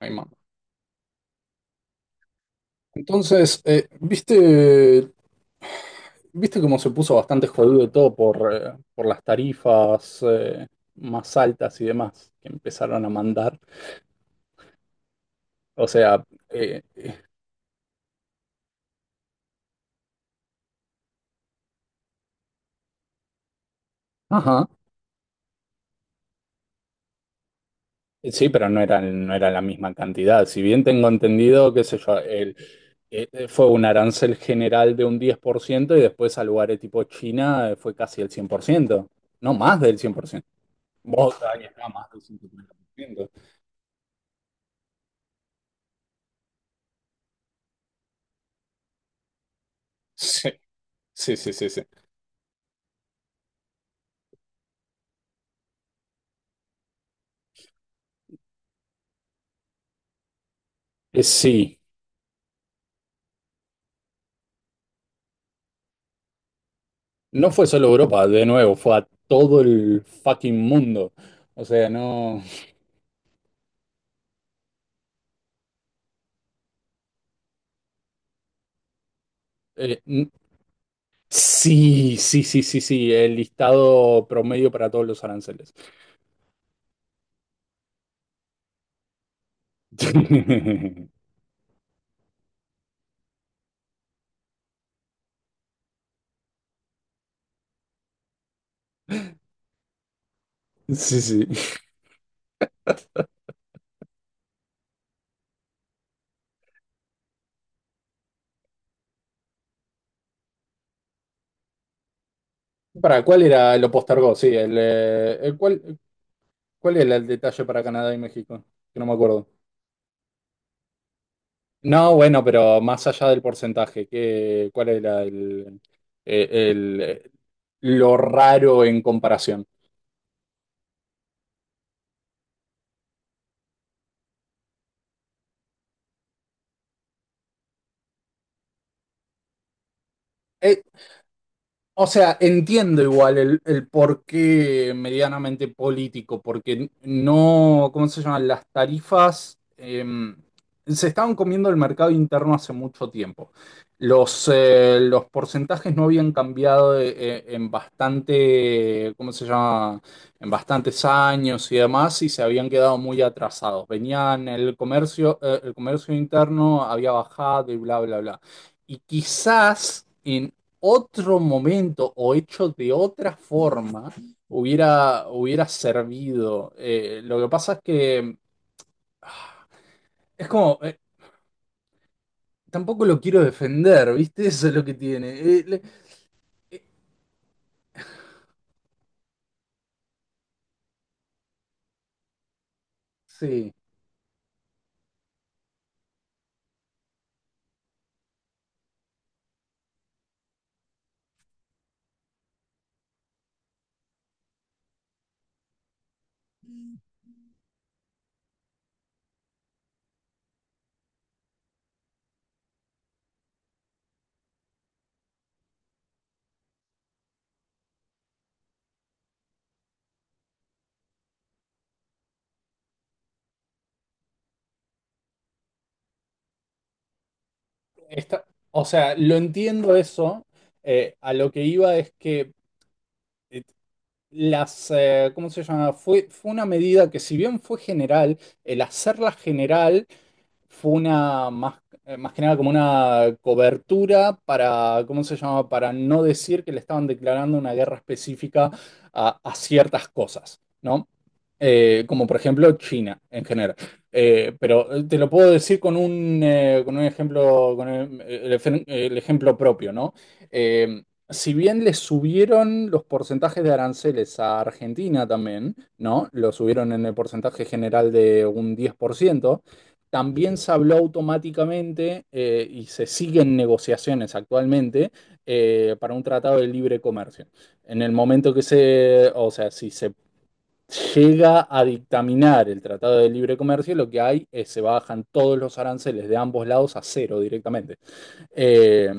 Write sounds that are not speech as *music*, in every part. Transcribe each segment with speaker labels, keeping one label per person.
Speaker 1: Ay, mamá. Entonces, ¿viste cómo se puso bastante jodido todo por por las tarifas más altas y demás que empezaron a mandar? O sea, eh, eh, ajá. Sí, pero no era la misma cantidad. Si bien tengo entendido, qué sé yo, el, fue un arancel general de un 10% y después a lugares tipo China fue casi el 100% no más del 100%. Vos, ahí está, más del 150%. *laughs* Sí, sí, sí, sí. Sí, no fue solo Europa, de nuevo, fue a todo el fucking mundo. O sea, no... n- sí, sí, sí, sí, sí, el listado promedio para todos los aranceles. *laughs* Sí, sí. ¿Para cuál era? Lo postergó, sí. ¿Cuál era el detalle para Canadá y México? Que no me acuerdo. No, bueno, pero más allá del porcentaje, ¿cuál era el, eh, el, eh, lo raro en comparación? Eh, O sea, entiendo igual el porqué medianamente político, porque no, ¿cómo se llaman? Las tarifas se estaban comiendo el mercado interno hace mucho tiempo. Los porcentajes no habían cambiado en bastante, ¿cómo se llama? En bastantes años y demás, y se habían quedado muy atrasados. Venían el comercio interno había bajado y bla, bla, bla. Y quizás otro momento o hecho de otra forma hubiera servido. Lo que pasa es que ah, es como, tampoco lo quiero defender, ¿viste? *laughs* Eso es lo que tiene. Sí, está, o sea, lo entiendo eso. A lo que iba es que eh, las, ¿cómo se llama? Fue una medida que si bien fue general, el hacerla general fue una más, más que nada como una cobertura para, ¿cómo se llama? Para no decir que le estaban declarando una guerra específica a ciertas cosas, ¿no? Como por ejemplo China en general. Te lo puedo decir con un ejemplo, con el ejemplo propio, ¿no? Eh, si bien le subieron los porcentajes de aranceles a Argentina también, ¿no? Lo subieron en el porcentaje general de un diez por ciento. También se habló automáticamente y se siguen negociaciones actualmente para un tratado de libre comercio. En el momento que se, o sea, si se llega a dictaminar el tratado de libre comercio, lo que hay es se bajan todos los aranceles de ambos lados a cero directamente. Eh,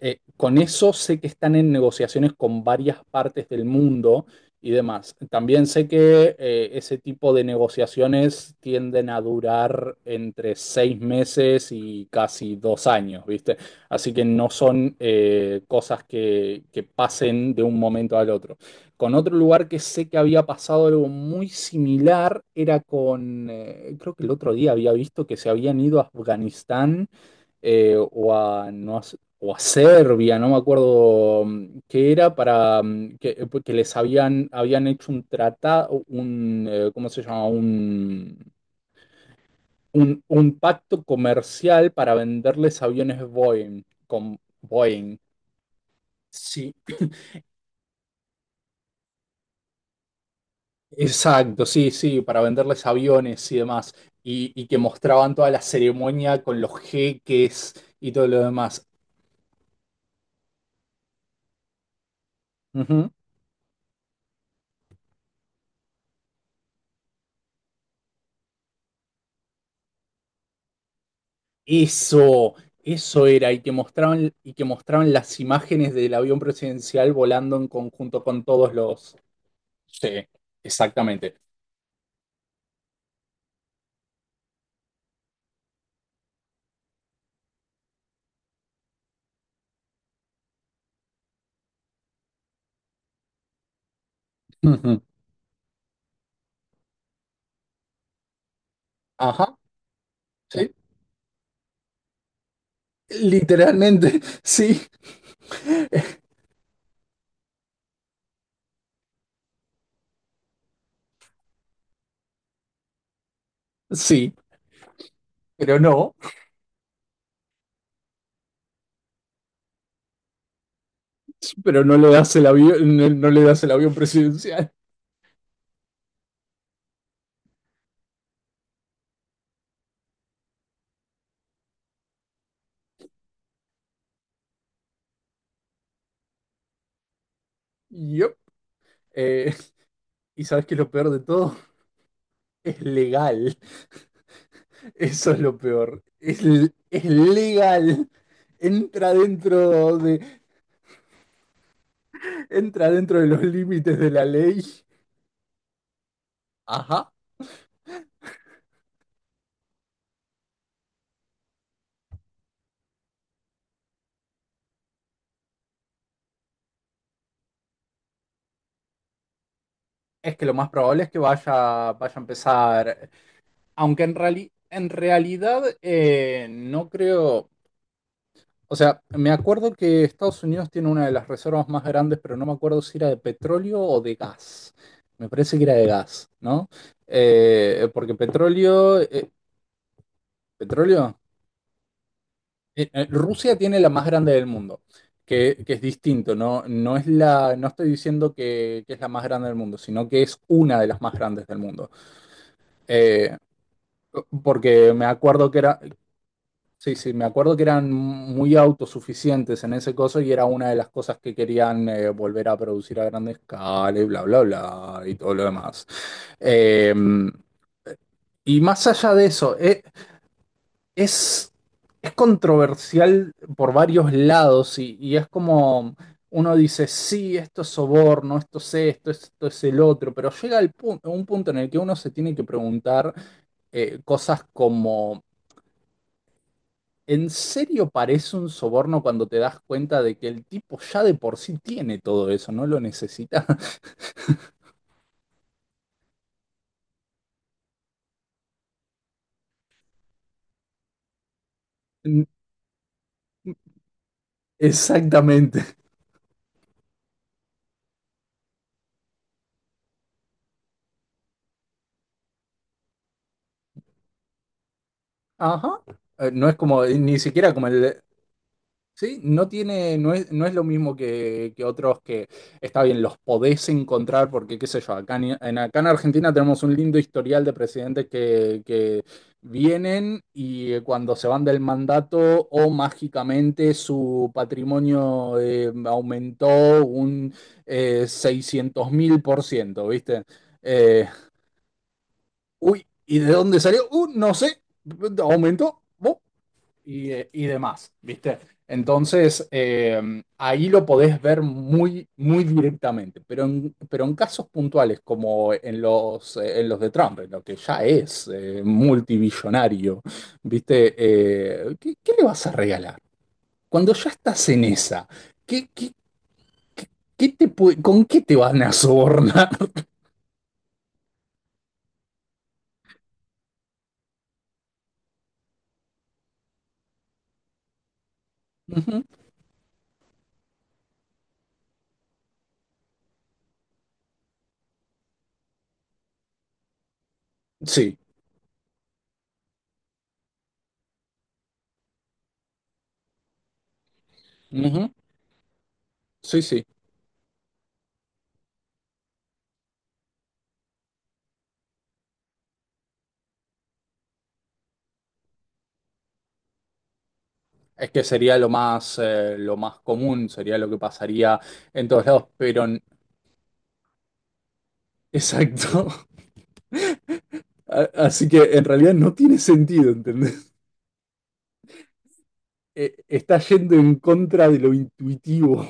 Speaker 1: con eso sé que están en negociaciones con varias partes del mundo y demás. También sé que ese tipo de negociaciones tienden a durar entre seis meses y casi dos años, ¿viste? Así que no son cosas que pasen de un momento al otro. Con otro lugar que sé que había pasado algo muy similar era con, creo que el otro día había visto que se habían ido a Afganistán o a, no, o a Serbia, no me acuerdo qué era, para que les habían, habían hecho un tratado, un, ¿cómo se llama? Un pacto comercial para venderles aviones Boeing, con Boeing. Sí, exacto, sí, sí, para venderles aviones y demás, y que mostraban toda la ceremonia con los jeques y todo lo demás. Eso era, y que mostraban las imágenes del avión presidencial volando en conjunto con todos los. Sí, exactamente. Ujú. Ajá, sí. Literalmente, *laughs* sí, sí, pero no, pero no le das el avión, no, no le das el avión presidencial. Yup. Eh, y sabes que lo peor de todo es legal. Eso es lo peor. Es legal. Entra dentro de, entra dentro de los límites de la ley. Ajá. Es que lo más probable es que vaya, vaya a empezar. Aunque en en realidad no creo. O sea, me acuerdo que Estados Unidos tiene una de las reservas más grandes, pero no me acuerdo si era de petróleo o de gas. Me parece que era de gas, ¿no? Porque petróleo. ¿Petróleo? Rusia tiene la más grande del mundo, que es distinto, no, no es la, no estoy diciendo que es la más grande del mundo, sino que es una de las más grandes del mundo. Eh, Porque me acuerdo que era, sí, sí, me acuerdo que eran muy autosuficientes en ese coso y era una de las cosas que querían volver a producir a gran escala y bla, bla, bla, y todo lo demás. Eh, y más allá de eso, Es, es controversial por varios lados y es como uno dice, sí, esto es soborno, esto es esto, esto es el otro, pero llega un punto en el que uno se tiene que preguntar cosas como, ¿en serio parece un soborno cuando te das cuenta de que el tipo ya de por sí tiene todo eso, no lo necesita? *laughs* Exactamente. Ajá. No es como, ni siquiera como el, sí, no tiene, no es, no es lo mismo que otros que está bien, los podés encontrar porque, qué sé yo, acá acá en Argentina tenemos un lindo historial de presidentes que vienen y cuando se van del mandato o mágicamente su patrimonio aumentó un 600 mil por ciento, ¿viste? Eh, Uy, ¿y de dónde salió? No sé, aumentó y demás, ¿viste? Entonces, ahí lo podés ver muy, muy directamente, pero en casos puntuales como en los de Trump, en lo que ya es multibillonario, ¿viste? ¿Qué, qué le vas a regalar? Cuando ya estás en esa, ¿qué, qué, qué- ¿con qué te van a sobornar? *laughs* Ujú. Sí, ujú, sí, sí. Es que sería lo más común, sería lo que pasaría en todos lados, pero exacto. *laughs* Así que en realidad no tiene sentido, ¿entendés? Está yendo en contra de lo intuitivo.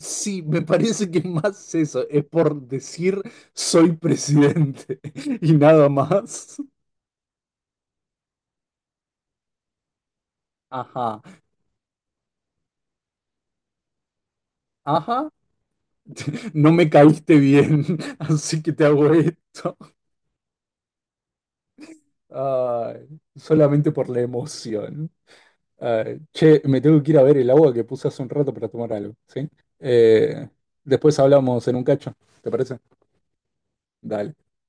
Speaker 1: Sí, me parece que es más eso, es por decir soy presidente *laughs* y nada más. Ajá, ajá, no me caíste bien, *laughs* así que te hago esto. Ay, solamente por la emoción. Ay, che, me tengo que ir a ver el agua que puse hace un rato para tomar algo, ¿sí? Eh, Después hablamos en un cacho, ¿te parece? Dale.